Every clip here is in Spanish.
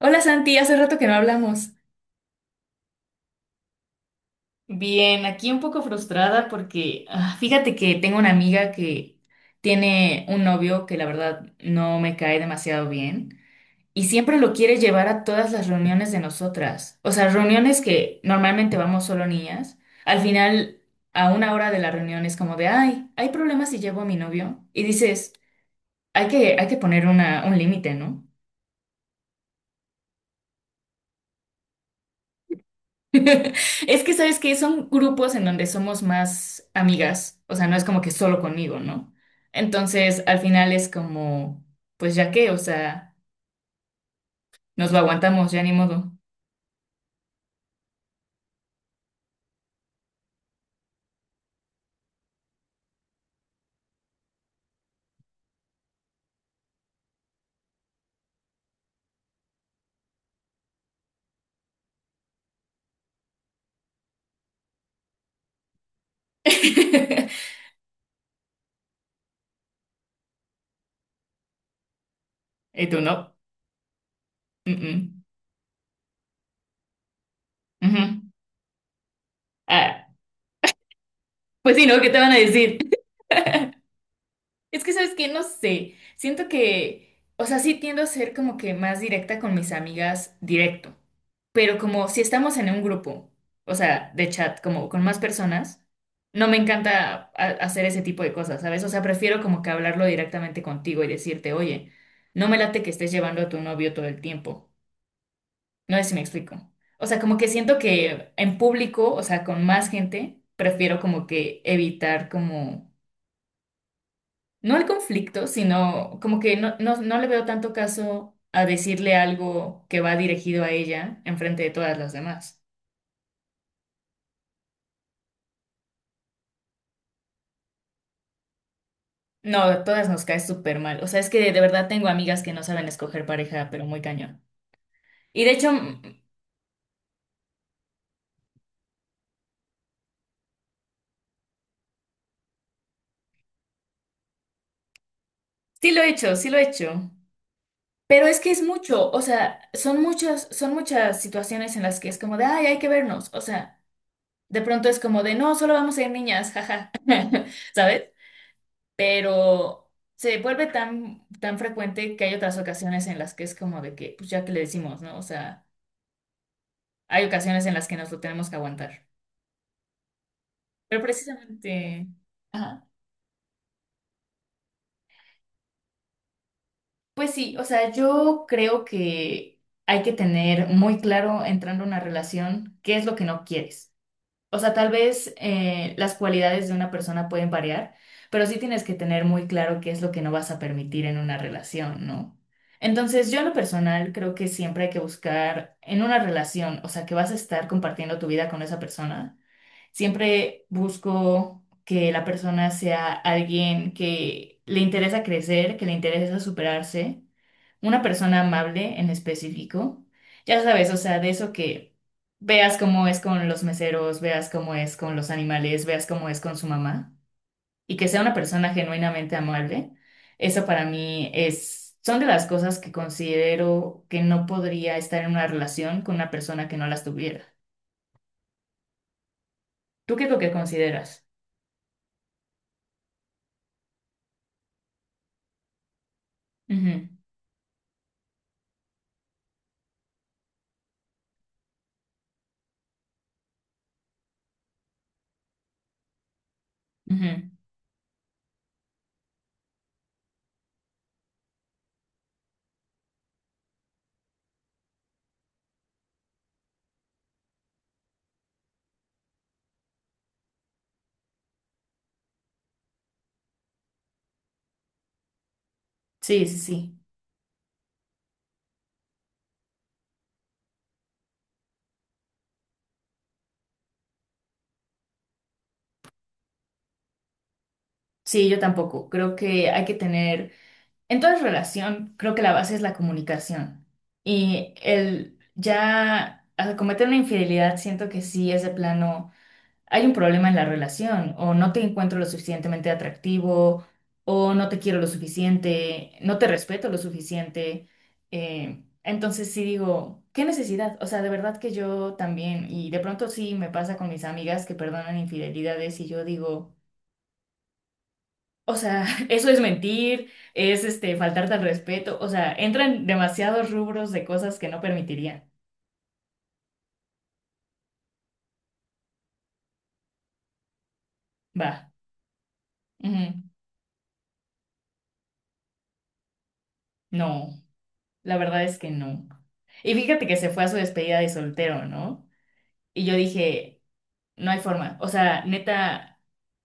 Hola Santi, hace rato que no hablamos. Bien, aquí un poco frustrada porque fíjate que tengo una amiga que tiene un novio que la verdad no me cae demasiado bien y siempre lo quiere llevar a todas las reuniones de nosotras. O sea, reuniones que normalmente vamos solo niñas. Al final, a una hora de la reunión es como de, ay, hay problemas si llevo a mi novio. Y dices, hay que poner un límite, ¿no? Es que sabes que son grupos en donde somos más amigas, o sea, no es como que solo conmigo, ¿no? Entonces, al final es como, pues ya qué, o sea, nos lo aguantamos, ya ni modo. ¿Y tú no? Mm, mm. Ujú. Ah, pues sí, ¿no? ¿Qué te van a decir? Es que, ¿sabes qué? No sé. Siento que, o sea, sí tiendo a ser como que más directa con mis amigas directo. Pero como si estamos en un grupo, o sea, de chat, como con más personas, no me encanta hacer ese tipo de cosas, ¿sabes? O sea, prefiero como que hablarlo directamente contigo y decirte, oye, no me late que estés llevando a tu novio todo el tiempo. No sé si me explico. O sea, como que siento que en público, o sea, con más gente, prefiero como que evitar como no al conflicto, sino como que no, no, no le veo tanto caso a decirle algo que va dirigido a ella en frente de todas las demás. No, a todas nos cae súper mal. O sea, es que de verdad tengo amigas que no saben escoger pareja, pero muy cañón. Y de hecho, sí lo he hecho, sí lo he hecho. Pero es que es mucho, o sea, son muchas situaciones en las que es como de, ay, hay que vernos. O sea, de pronto es como de, no, solo vamos a ir niñas, jaja, ¿sabes? Pero se vuelve tan, tan frecuente que hay otras ocasiones en las que es como de que, pues ya que le decimos, ¿no? O sea, hay ocasiones en las que nos lo tenemos que aguantar. Pero precisamente, ajá. Pues sí, o sea, yo creo que hay que tener muy claro entrando a una relación qué es lo que no quieres. O sea, tal vez las cualidades de una persona pueden variar, pero sí tienes que tener muy claro qué es lo que no vas a permitir en una relación, ¿no? Entonces, yo en lo personal creo que siempre hay que buscar en una relación, o sea, que vas a estar compartiendo tu vida con esa persona. Siempre busco que la persona sea alguien que le interesa crecer, que le interesa superarse, una persona amable en específico. Ya sabes, o sea, de eso que veas cómo es con los meseros, veas cómo es con los animales, veas cómo es con su mamá y que sea una persona genuinamente amable. Eso para mí es, son de las cosas que considero que no podría estar en una relación con una persona que no las tuviera. ¿Tú qué es lo que consideras? Ujú, ujú. Sí, sí, sí. Sí, yo tampoco. Creo que hay que tener. En toda relación, creo que la base es la comunicación. Y el ya al cometer una infidelidad, siento que sí es de plano, hay un problema en la relación, o no te encuentro lo suficientemente atractivo, o no te quiero lo suficiente, no te respeto lo suficiente. Entonces sí digo, ¿qué necesidad? O sea, de verdad que yo también, y de pronto sí me pasa con mis amigas que perdonan infidelidades y yo digo... O sea, eso es mentir, es este faltarte al respeto, o sea, entran demasiados rubros de cosas que no permitiría. Va. Ujú. No, la verdad es que no. Y fíjate que se fue a su despedida de soltero, ¿no? Y yo dije, no hay forma. O sea, neta,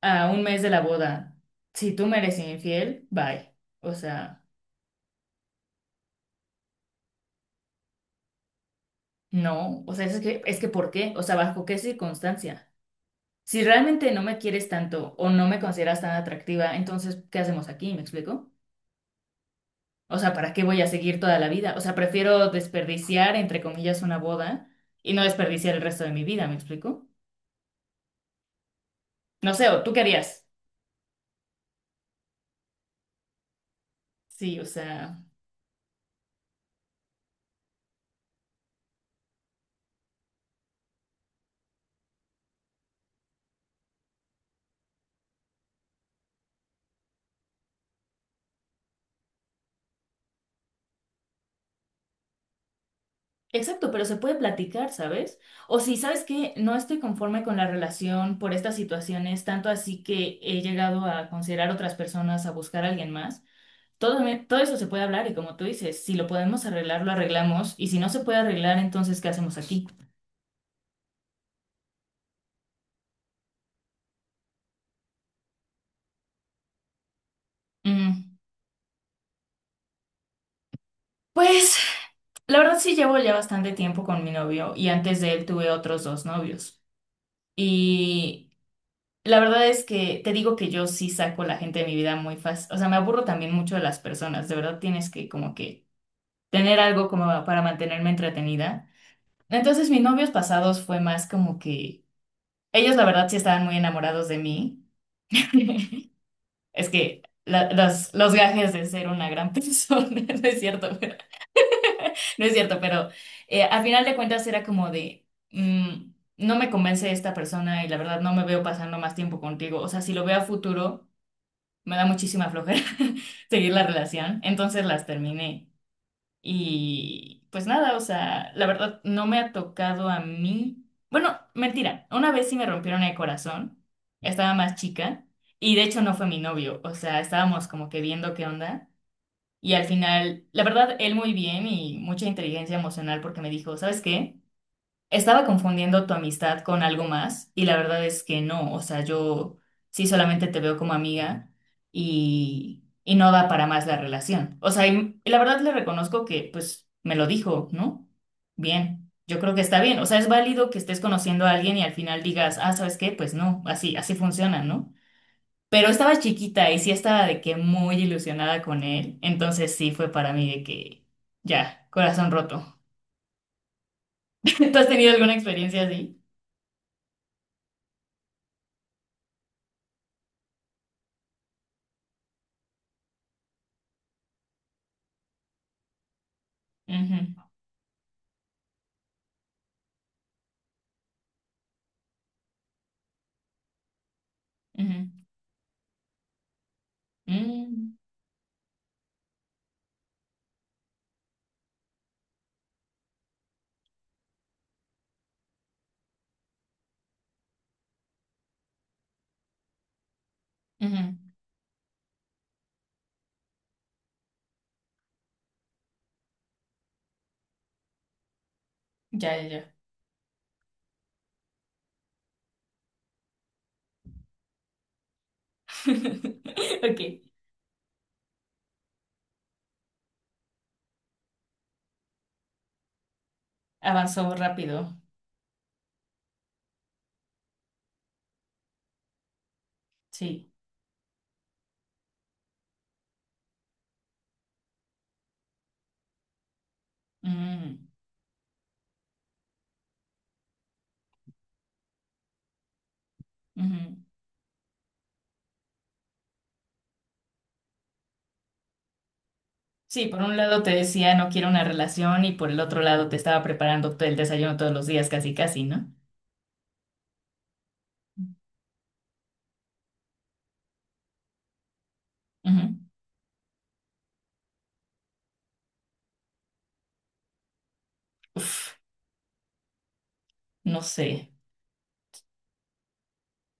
a un mes de la boda, si tú me eres infiel, bye. O sea, no. O sea, es que ¿por qué? O sea, ¿bajo qué circunstancia? Si realmente no me quieres tanto o no me consideras tan atractiva, entonces, ¿qué hacemos aquí? ¿Me explico? O sea, ¿para qué voy a seguir toda la vida? O sea, prefiero desperdiciar, entre comillas, una boda y no desperdiciar el resto de mi vida, ¿me explico? No sé, ¿o tú qué harías? Sí, o sea, exacto, pero se puede platicar, ¿sabes? O si, ¿sabes que no estoy conforme con la relación por estas situaciones, tanto así que he llegado a considerar otras personas, a buscar a alguien más? Todo, todo eso se puede hablar y como tú dices, si lo podemos arreglar, lo arreglamos y si no se puede arreglar, entonces, ¿qué hacemos aquí? Mm, Pues... La verdad sí llevo ya bastante tiempo con mi novio y antes de él tuve otros dos novios. Y la verdad es que te digo que yo sí saco la gente de mi vida muy fácil. O sea, me aburro también mucho de las personas. De verdad tienes que como que tener algo como para mantenerme entretenida. Entonces mis novios pasados fue más como que ellos la verdad sí estaban muy enamorados de mí. Es que los gajes de ser una gran persona, no es cierto. No es cierto, pero al final de cuentas era como de, no me convence esta persona y la verdad no me veo pasando más tiempo contigo. O sea, si lo veo a futuro, me da muchísima flojera seguir la relación. Entonces las terminé. Y pues nada, o sea, la verdad no me ha tocado a mí. Bueno, mentira, una vez sí me rompieron el corazón. Estaba más chica y de hecho no fue mi novio. O sea, estábamos como que viendo qué onda. Y al final, la verdad, él muy bien y mucha inteligencia emocional porque me dijo, ¿sabes qué? Estaba confundiendo tu amistad con algo más y la verdad es que no, o sea, yo sí solamente te veo como amiga y no da para más la relación. O sea, y la verdad le reconozco que pues me lo dijo, ¿no? Bien, yo creo que está bien, o sea, es válido que estés conociendo a alguien y al final digas, ah, ¿sabes qué? Pues no, así, así funciona, ¿no? Pero estaba chiquita y sí estaba de que muy ilusionada con él. Entonces sí fue para mí de que ya, corazón roto. ¿Tú has tenido alguna experiencia así? Ujú, ujú, mm, ujú. Ya, ya, ya. Ok, avanzó rápido. Sí. Mm, ujú. Sí, por un lado te decía no quiero una relación y por el otro lado te estaba preparando el desayuno todos los días, casi, casi, ¿no? Ujú. Uf, no sé.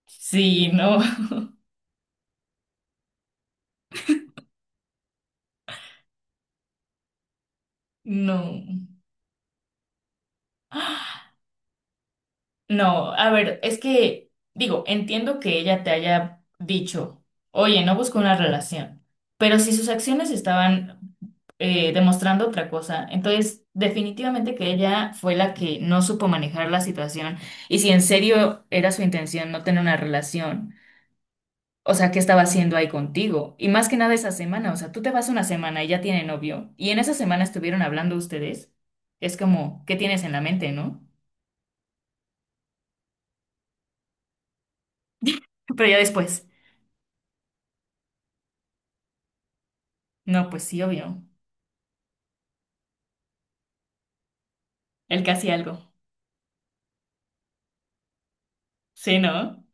Sí, no, no. No, a ver, es que, digo, entiendo que ella te haya dicho, oye, no busco una relación, pero si sus acciones estaban demostrando otra cosa, entonces definitivamente que ella fue la que no supo manejar la situación y si en serio era su intención no tener una relación, o sea, ¿qué estaba haciendo ahí contigo? Y más que nada esa semana, o sea, tú te vas una semana y ya tiene novio, y en esa semana estuvieron hablando ustedes, es como, ¿qué tienes en la mente, no? Pero ya después, no, pues sí, obvio. Él casi algo. Sí, ¿no?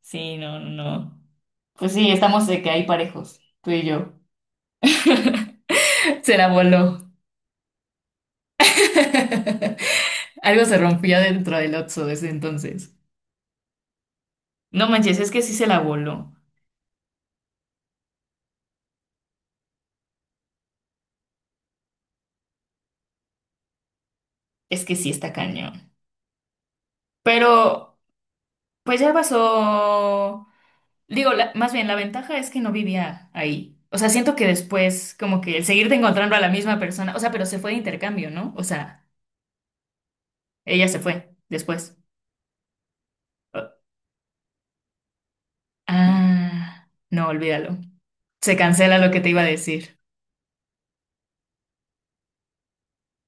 Sí, no, no, no. Pues sí, estamos de que hay parejos, tú y yo. Se la voló. Algo se rompió dentro del Otso desde entonces. No manches, es que sí se la voló. Es que sí está cañón. Pero, pues ya pasó. Digo, más bien, la ventaja es que no vivía ahí. O sea, siento que después, como que el seguirte encontrando a la misma persona. O sea, pero se fue de intercambio, ¿no? O sea, ella se fue después. Ah, no, olvídalo. Se cancela lo que te iba a decir.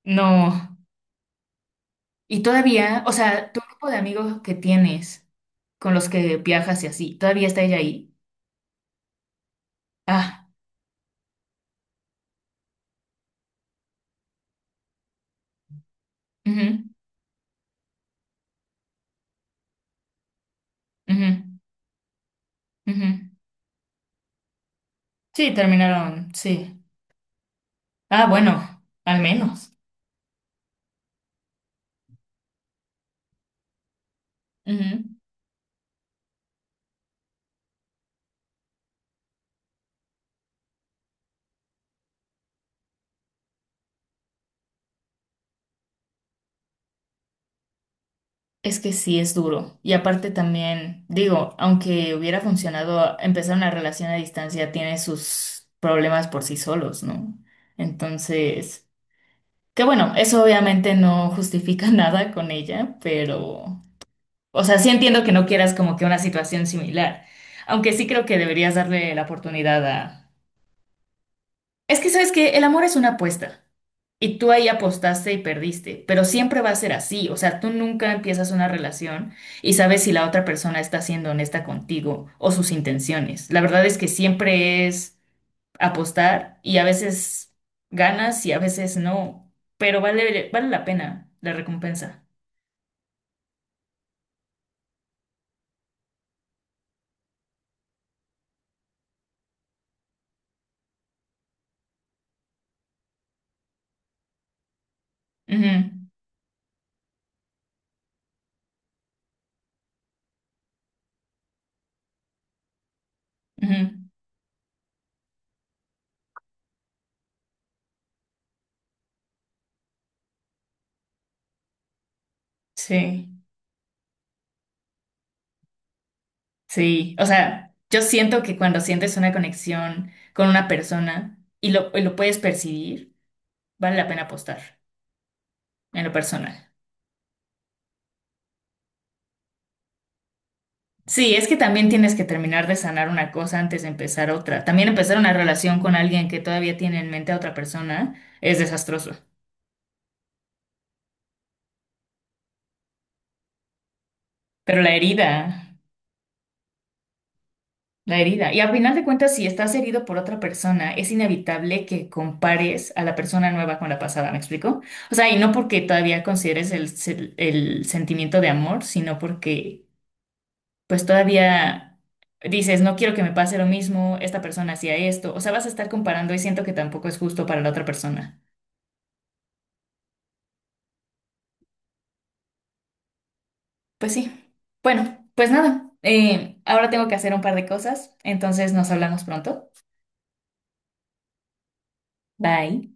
No. Y todavía, o sea, tu grupo de amigos que tienes, con los que viajas y así, ¿todavía está ella ahí? Ah, ujú, ujú, ujú. Sí, terminaron, sí. Ah, bueno, al menos. Ujú. Es que sí es duro. Y aparte también, digo, aunque hubiera funcionado, empezar una relación a distancia tiene sus problemas por sí solos, ¿no? Entonces... Que bueno, eso obviamente no justifica nada con ella, pero, o sea, sí entiendo que no quieras como que una situación similar, aunque sí creo que deberías darle la oportunidad a... Es que sabes que el amor es una apuesta y tú ahí apostaste y perdiste, pero siempre va a ser así, o sea, tú nunca empiezas una relación y sabes si la otra persona está siendo honesta contigo o sus intenciones. La verdad es que siempre es apostar y a veces ganas y a veces no, pero vale, vale la pena la recompensa. Ujú, ujú. Sí, sí. O sea, yo siento que cuando sientes una conexión con una persona y lo puedes percibir, vale la pena apostar en lo personal. Sí, es que también tienes que terminar de sanar una cosa antes de empezar otra. También empezar una relación con alguien que todavía tiene en mente a otra persona es desastroso. Pero la herida, la herida. Y al final de cuentas, si estás herido por otra persona, es inevitable que compares a la persona nueva con la pasada, ¿me explico? O sea, y no porque todavía consideres el sentimiento de amor, sino porque pues todavía dices, no quiero que me pase lo mismo, esta persona hacía esto, o sea, vas a estar comparando y siento que tampoco es justo para la otra persona. Pues sí. Bueno, pues nada, ahora tengo que hacer un par de cosas, entonces nos hablamos pronto. Bye.